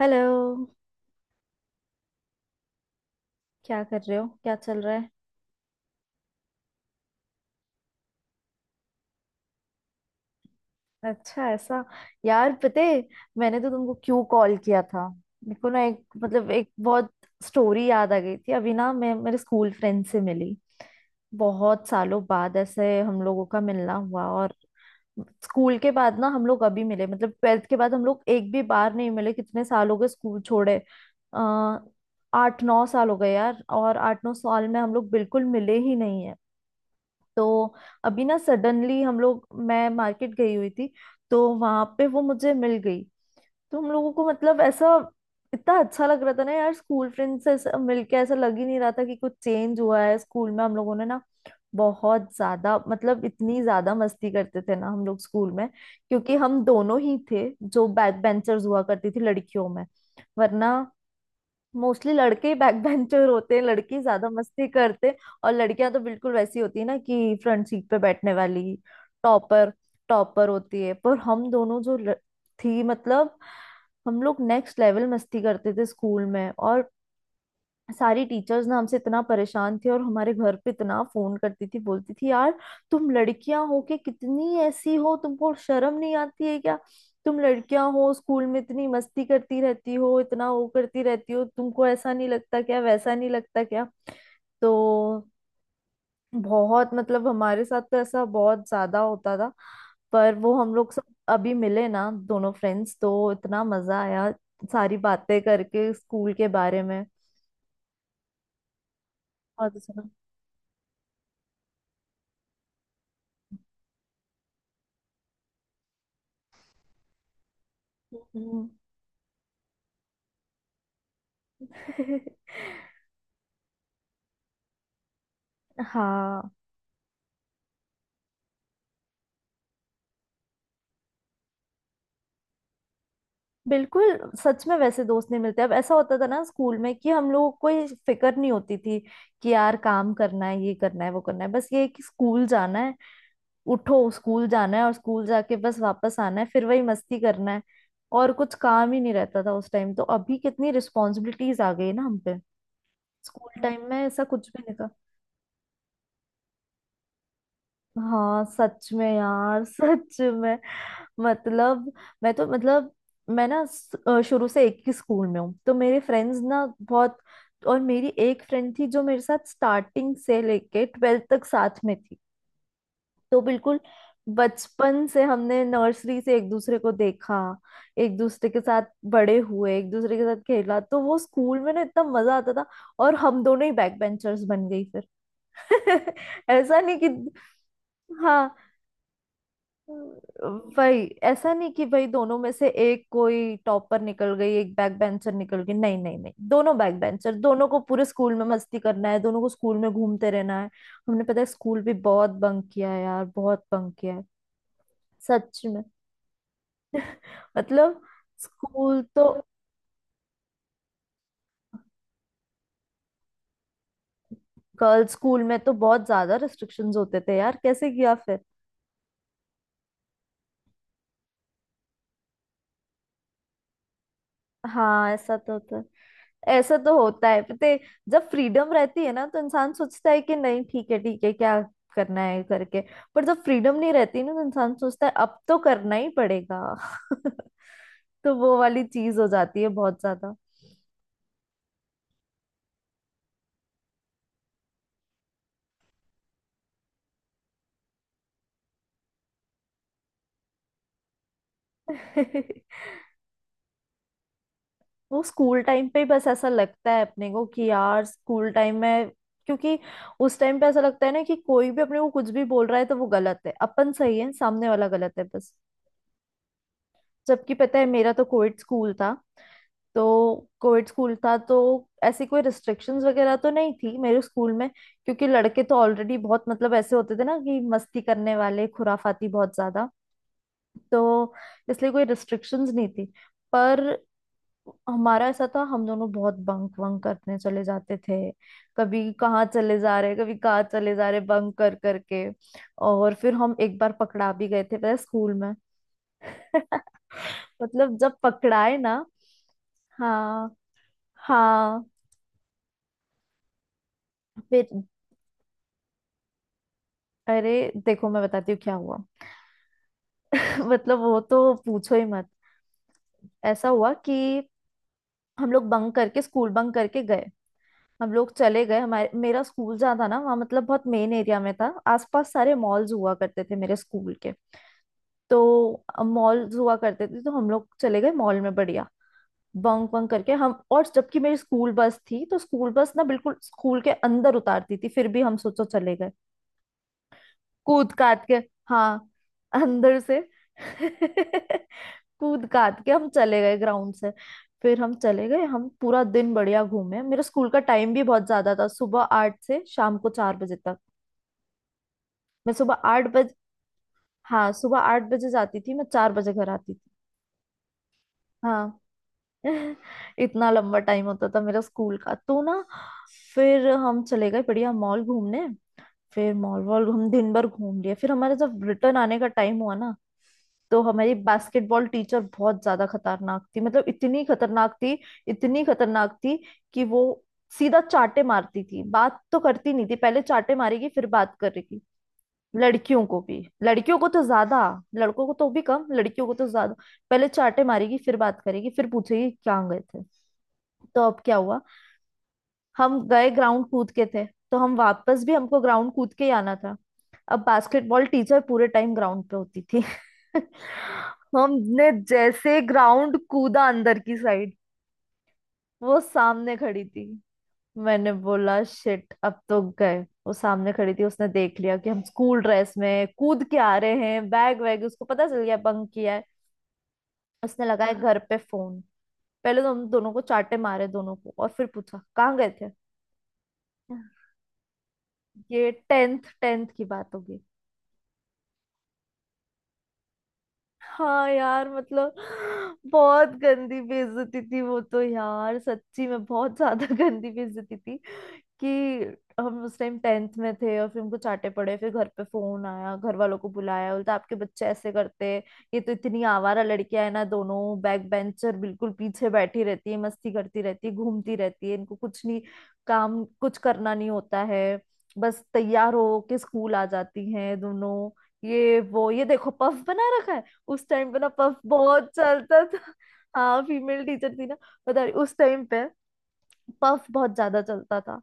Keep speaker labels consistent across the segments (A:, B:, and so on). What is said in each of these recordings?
A: Hello. क्या कर रहे हो? क्या चल रहा है? अच्छा ऐसा। यार पता है, मैंने तो तुमको क्यों कॉल किया था। मेरे को ना एक बहुत स्टोरी याद आ गई थी। अभी ना मैं मेरे स्कूल फ्रेंड से मिली, बहुत सालों बाद ऐसे हम लोगों का मिलना हुआ। और स्कूल के बाद ना हम लोग अभी मिले, मतलब ट्वेल्थ के बाद हम लोग एक भी बार नहीं मिले। कितने साल हो गए स्कूल छोड़े? आ, 8 9 साल हो गए यार, और 8 9 साल में हम लोग बिल्कुल मिले ही नहीं। तो अभी ना सडनली हम लोग, मैं मार्केट गई हुई थी तो वहां पे वो मुझे मिल गई। तो हम लोगों को मतलब ऐसा इतना अच्छा लग रहा था ना यार, स्कूल फ्रेंड से ऐसा मिलके ऐसा लग ही नहीं रहा था कि कुछ चेंज हुआ है। स्कूल में हम लोगों ने ना बहुत ज्यादा मतलब इतनी ज्यादा मस्ती करते थे ना हम लोग स्कूल में, क्योंकि हम दोनों ही थे जो बैक बेंचर्स हुआ करती थी लड़कियों में। वरना मोस्टली लड़के बैक बेंचर होते हैं, लड़के ज्यादा मस्ती करते हैं। और लड़कियां तो बिल्कुल वैसी होती है ना, कि फ्रंट सीट पे बैठने वाली टॉपर टॉपर होती है। पर हम दोनों जो थी, मतलब हम लोग नेक्स्ट लेवल मस्ती करते थे स्कूल में। और सारी टीचर्स ना हमसे इतना परेशान थी, और हमारे घर पे इतना फोन करती थी। बोलती थी, यार तुम लड़कियां हो के कितनी ऐसी हो, तुमको शर्म नहीं आती है क्या? तुम लड़कियां हो स्कूल में इतनी मस्ती करती रहती हो, इतना वो करती रहती हो। तुमको ऐसा नहीं लगता क्या, वैसा नहीं लगता क्या? तो बहुत मतलब हमारे साथ तो ऐसा बहुत ज्यादा होता था। पर वो हम लोग सब अभी मिले ना दोनों फ्रेंड्स, तो इतना मजा आया सारी बातें करके स्कूल के बारे में। बहुत अच्छा था। हम्म। हाँ। बिल्कुल सच में वैसे दोस्त नहीं मिलते अब। ऐसा होता था ना स्कूल में कि हम लोगों को ये फिक्र नहीं होती थी कि यार काम करना है, ये करना है, वो करना है। बस ये है कि स्कूल जाना है, उठो स्कूल जाना है, और स्कूल जाके बस वापस आना है, फिर वही मस्ती करना है। और कुछ काम ही नहीं रहता था उस टाइम। तो अभी कितनी रिस्पॉन्सिबिलिटीज आ गई है ना हम पे। स्कूल टाइम में ऐसा कुछ भी नहीं था। हाँ सच में यार, सच में। मतलब मैं तो, मतलब मैं ना शुरू से एक ही स्कूल में हूँ, तो मेरे फ्रेंड्स ना बहुत। और मेरी एक फ्रेंड थी जो मेरे साथ स्टार्टिंग से लेके ट्वेल्थ तक साथ में थी। तो बिल्कुल बचपन से, हमने नर्सरी से एक दूसरे को देखा, एक दूसरे के साथ बड़े हुए, एक दूसरे के साथ खेला। तो वो स्कूल में ना इतना मजा आता था, और हम दोनों ही बैक बेंचर्स बन गई फिर। ऐसा नहीं कि, हाँ, वही ऐसा नहीं कि भाई दोनों में से एक कोई टॉपर निकल गई एक बैक बेंचर निकल गई। नहीं नहीं नहीं, दोनों बैक बेंचर। दोनों को पूरे स्कूल में मस्ती करना है, दोनों को स्कूल में घूमते रहना है। हमने पता है स्कूल भी बहुत बंक किया है यार, बहुत बंक किया है। सच में। मतलब स्कूल तो, गर्ल्स स्कूल में तो बहुत ज्यादा रिस्ट्रिक्शंस होते थे यार, कैसे किया फिर? हाँ ऐसा तो था। ऐसा तो होता है पता है, जब फ्रीडम रहती है ना तो इंसान सोचता है कि नहीं ठीक है, ठीक है क्या करना है करके। पर जब फ्रीडम नहीं रहती ना तो इंसान सोचता है अब तो करना ही पड़ेगा। तो वो वाली चीज हो जाती है बहुत ज्यादा। वो स्कूल टाइम पे ही बस ऐसा लगता है अपने को कि यार स्कूल टाइम में, क्योंकि उस टाइम पे ऐसा लगता है ना कि कोई भी अपने को कुछ भी बोल रहा है तो वो गलत है, अपन सही है, सामने वाला गलत है बस। जबकि पता है मेरा तो कोविड स्कूल था तो ऐसी कोई रिस्ट्रिक्शंस वगैरह तो नहीं थी मेरे स्कूल में। क्योंकि लड़के तो ऑलरेडी बहुत मतलब ऐसे होते थे ना कि मस्ती करने वाले, खुराफाती बहुत ज्यादा। तो इसलिए कोई रिस्ट्रिक्शंस नहीं थी। पर हमारा ऐसा था, हम दोनों बहुत बंक वंक करने चले जाते थे। कभी कहाँ चले जा रहे, कभी कहाँ चले जा रहे बंक कर करके। और फिर हम एक बार पकड़ा भी गए थे पता है स्कूल में। मतलब जब पकड़ाए ना, हाँ हाँ, फिर, अरे देखो मैं बताती हूँ क्या हुआ। मतलब वो तो पूछो ही मत। ऐसा हुआ कि हम लोग बंक करके, स्कूल बंक करके गए। हम लोग चले गए, हमारे मेरा स्कूल जहाँ था ना वहाँ मतलब बहुत मेन एरिया में था, आसपास सारे मॉल्स हुआ करते थे मेरे स्कूल के। तो मॉल्स हुआ करते थे, तो हम लोग चले गए मॉल में बढ़िया बंक बंक करके हम। और जबकि मेरी स्कूल बस थी, तो स्कूल बस ना बिल्कुल स्कूल के अंदर उतारती थी, फिर भी हम सोचो चले गए। कूद काट के, हाँ, अंदर से। कूद काट के हम चले गए ग्राउंड से। फिर हम चले गए, हम पूरा दिन बढ़िया घूमे। मेरे स्कूल का टाइम भी बहुत ज्यादा था, सुबह 8 से शाम को 4 बजे तक। मैं सुबह 8 बजे, हाँ, सुबह 8 बजे जाती थी, मैं 4 बजे घर आती थी। हाँ। इतना लंबा टाइम होता था मेरा स्कूल का तो ना। फिर हम चले गए बढ़िया मॉल घूमने। फिर मॉल वॉल हम दिन भर घूम लिए, फिर हमारा जब रिटर्न आने का टाइम हुआ ना, तो हमारी बास्केटबॉल टीचर बहुत ज्यादा खतरनाक थी, मतलब इतनी खतरनाक थी, इतनी खतरनाक थी कि वो सीधा चाटे मारती थी, बात तो करती नहीं थी। पहले चाटे मारेगी फिर बात करेगी। लड़कियों को भी, लड़कियों को तो ज्यादा, लड़कों को तो भी कम, लड़कियों को तो ज्यादा। पहले चाटे मारेगी फिर बात करेगी, फिर पूछेगी कहाँ गए थे। तो अब क्या हुआ, हम गए ग्राउंड कूद के थे, तो हम वापस भी हमको ग्राउंड कूद के ही आना था। अब बास्केटबॉल टीचर पूरे टाइम ग्राउंड पे होती थी। हमने जैसे ग्राउंड कूदा अंदर की साइड, वो सामने खड़ी थी। मैंने बोला शिट, अब तो गए। वो सामने खड़ी थी, उसने देख लिया कि हम स्कूल ड्रेस में कूद के आ रहे हैं, बैग वैग, उसको पता चल गया बंक किया है। उसने लगाया घर पे फोन। पहले तो हम दोनों को चाटे मारे दोनों को, और फिर पूछा कहाँ गए थे। ये टेंथ टेंथ की बात होगी। हाँ यार, मतलब बहुत गंदी बेइज्जती थी वो तो यार, सच्ची में बहुत ज्यादा गंदी बेइज्जती थी कि हम उस टाइम 10th में थे। और फिर हमको चाटे पड़े, फिर घर पे फोन आया, घर वालों को बुलाया, बोलता आपके बच्चे ऐसे करते, ये तो इतनी आवारा लड़कियां है ना दोनों, बैक बेंचर बिल्कुल पीछे बैठी रहती है, मस्ती करती रहती है, घूमती रहती है, इनको कुछ नहीं, काम कुछ करना नहीं होता है, बस तैयार हो के स्कूल आ जाती हैं दोनों। ये वो ये देखो पफ बना रखा है। उस टाइम पे ना पफ बहुत चलता था। हाँ फीमेल टीचर थी ना। बता रही, उस टाइम पे पफ बहुत ज्यादा चलता था,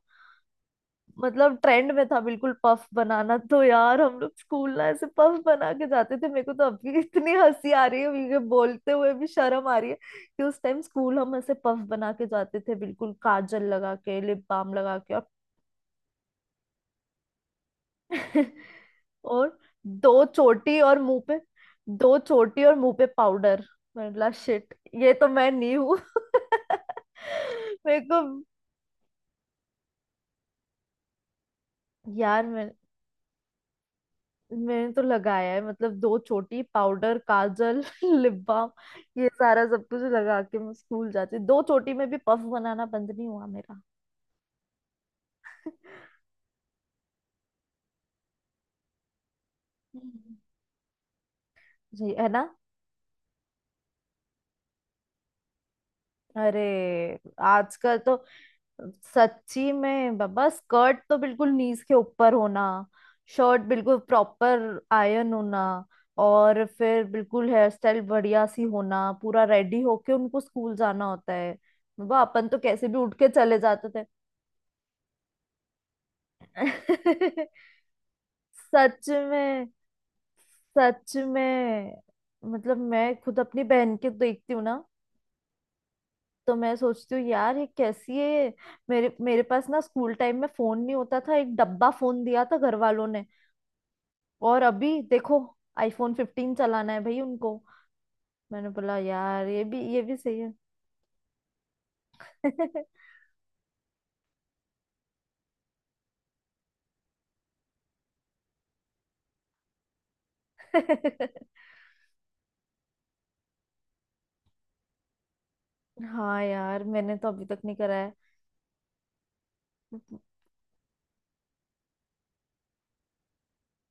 A: मतलब ट्रेंड में था बिल्कुल। पफ बनाना तो यार हम लोग स्कूल ना ऐसे पफ बना के जाते थे। मेरे को तो अभी इतनी हंसी आ रही है, मुझे बोलते हुए भी शर्म आ रही है कि उस टाइम स्कूल हम ऐसे पफ बना के जाते थे, बिल्कुल काजल लगा के, लिप बाम लगा के। और और दो चोटी और मुंह पे, दो चोटी और मुंह पे पाउडर, मतलब शिट, ये तो मैं नहीं हूँ। मेरे को यार, मैंने तो लगाया है, मतलब दो छोटी, पाउडर, काजल, लिप बाम, ये सारा सब कुछ लगा के मैं स्कूल जाती। दो छोटी में भी पफ बनाना बंद नहीं हुआ मेरा। हम्म। जी है ना। अरे, आजकल तो सच्ची में बाबा, स्कर्ट तो बिल्कुल नीज के ऊपर होना, शर्ट बिल्कुल प्रॉपर आयन होना, और फिर बिल्कुल हेयर स्टाइल बढ़िया सी होना, पूरा रेडी होके उनको स्कूल जाना होता है। बाबा अपन तो कैसे भी उठ के चले जाते थे। सच में, सच में। मतलब मैं खुद अपनी बहन के देखती हूँ ना, तो मैं सोचती हूँ यार ये कैसी है। मेरे मेरे पास ना स्कूल टाइम में फोन नहीं होता था, एक डब्बा फोन दिया था घर वालों ने। और अभी देखो आईफोन 15 चलाना है भाई उनको। मैंने बोला यार ये भी सही है। हाँ यार, मैंने तो अभी तक नहीं करा है।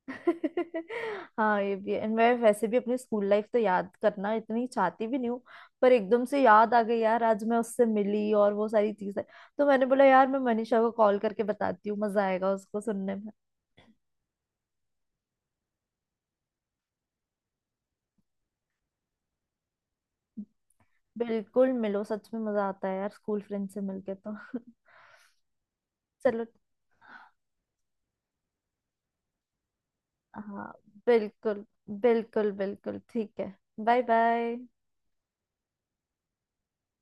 A: हाँ ये भी है। And मैं वैसे भी अपनी स्कूल लाइफ तो याद करना इतनी चाहती भी नहीं हूँ, पर एकदम से याद आ गई यार आज मैं उससे मिली और वो सारी चीजें। तो मैंने बोला यार मैं मनीषा को कॉल करके बताती हूँ, मजा आएगा उसको सुनने में। बिल्कुल मिलो, सच में मजा आता है यार स्कूल फ्रेंड से मिलके तो। चलो। हाँ, बिल्कुल। बिल्कुल बिल्कुल ठीक है। Bye bye.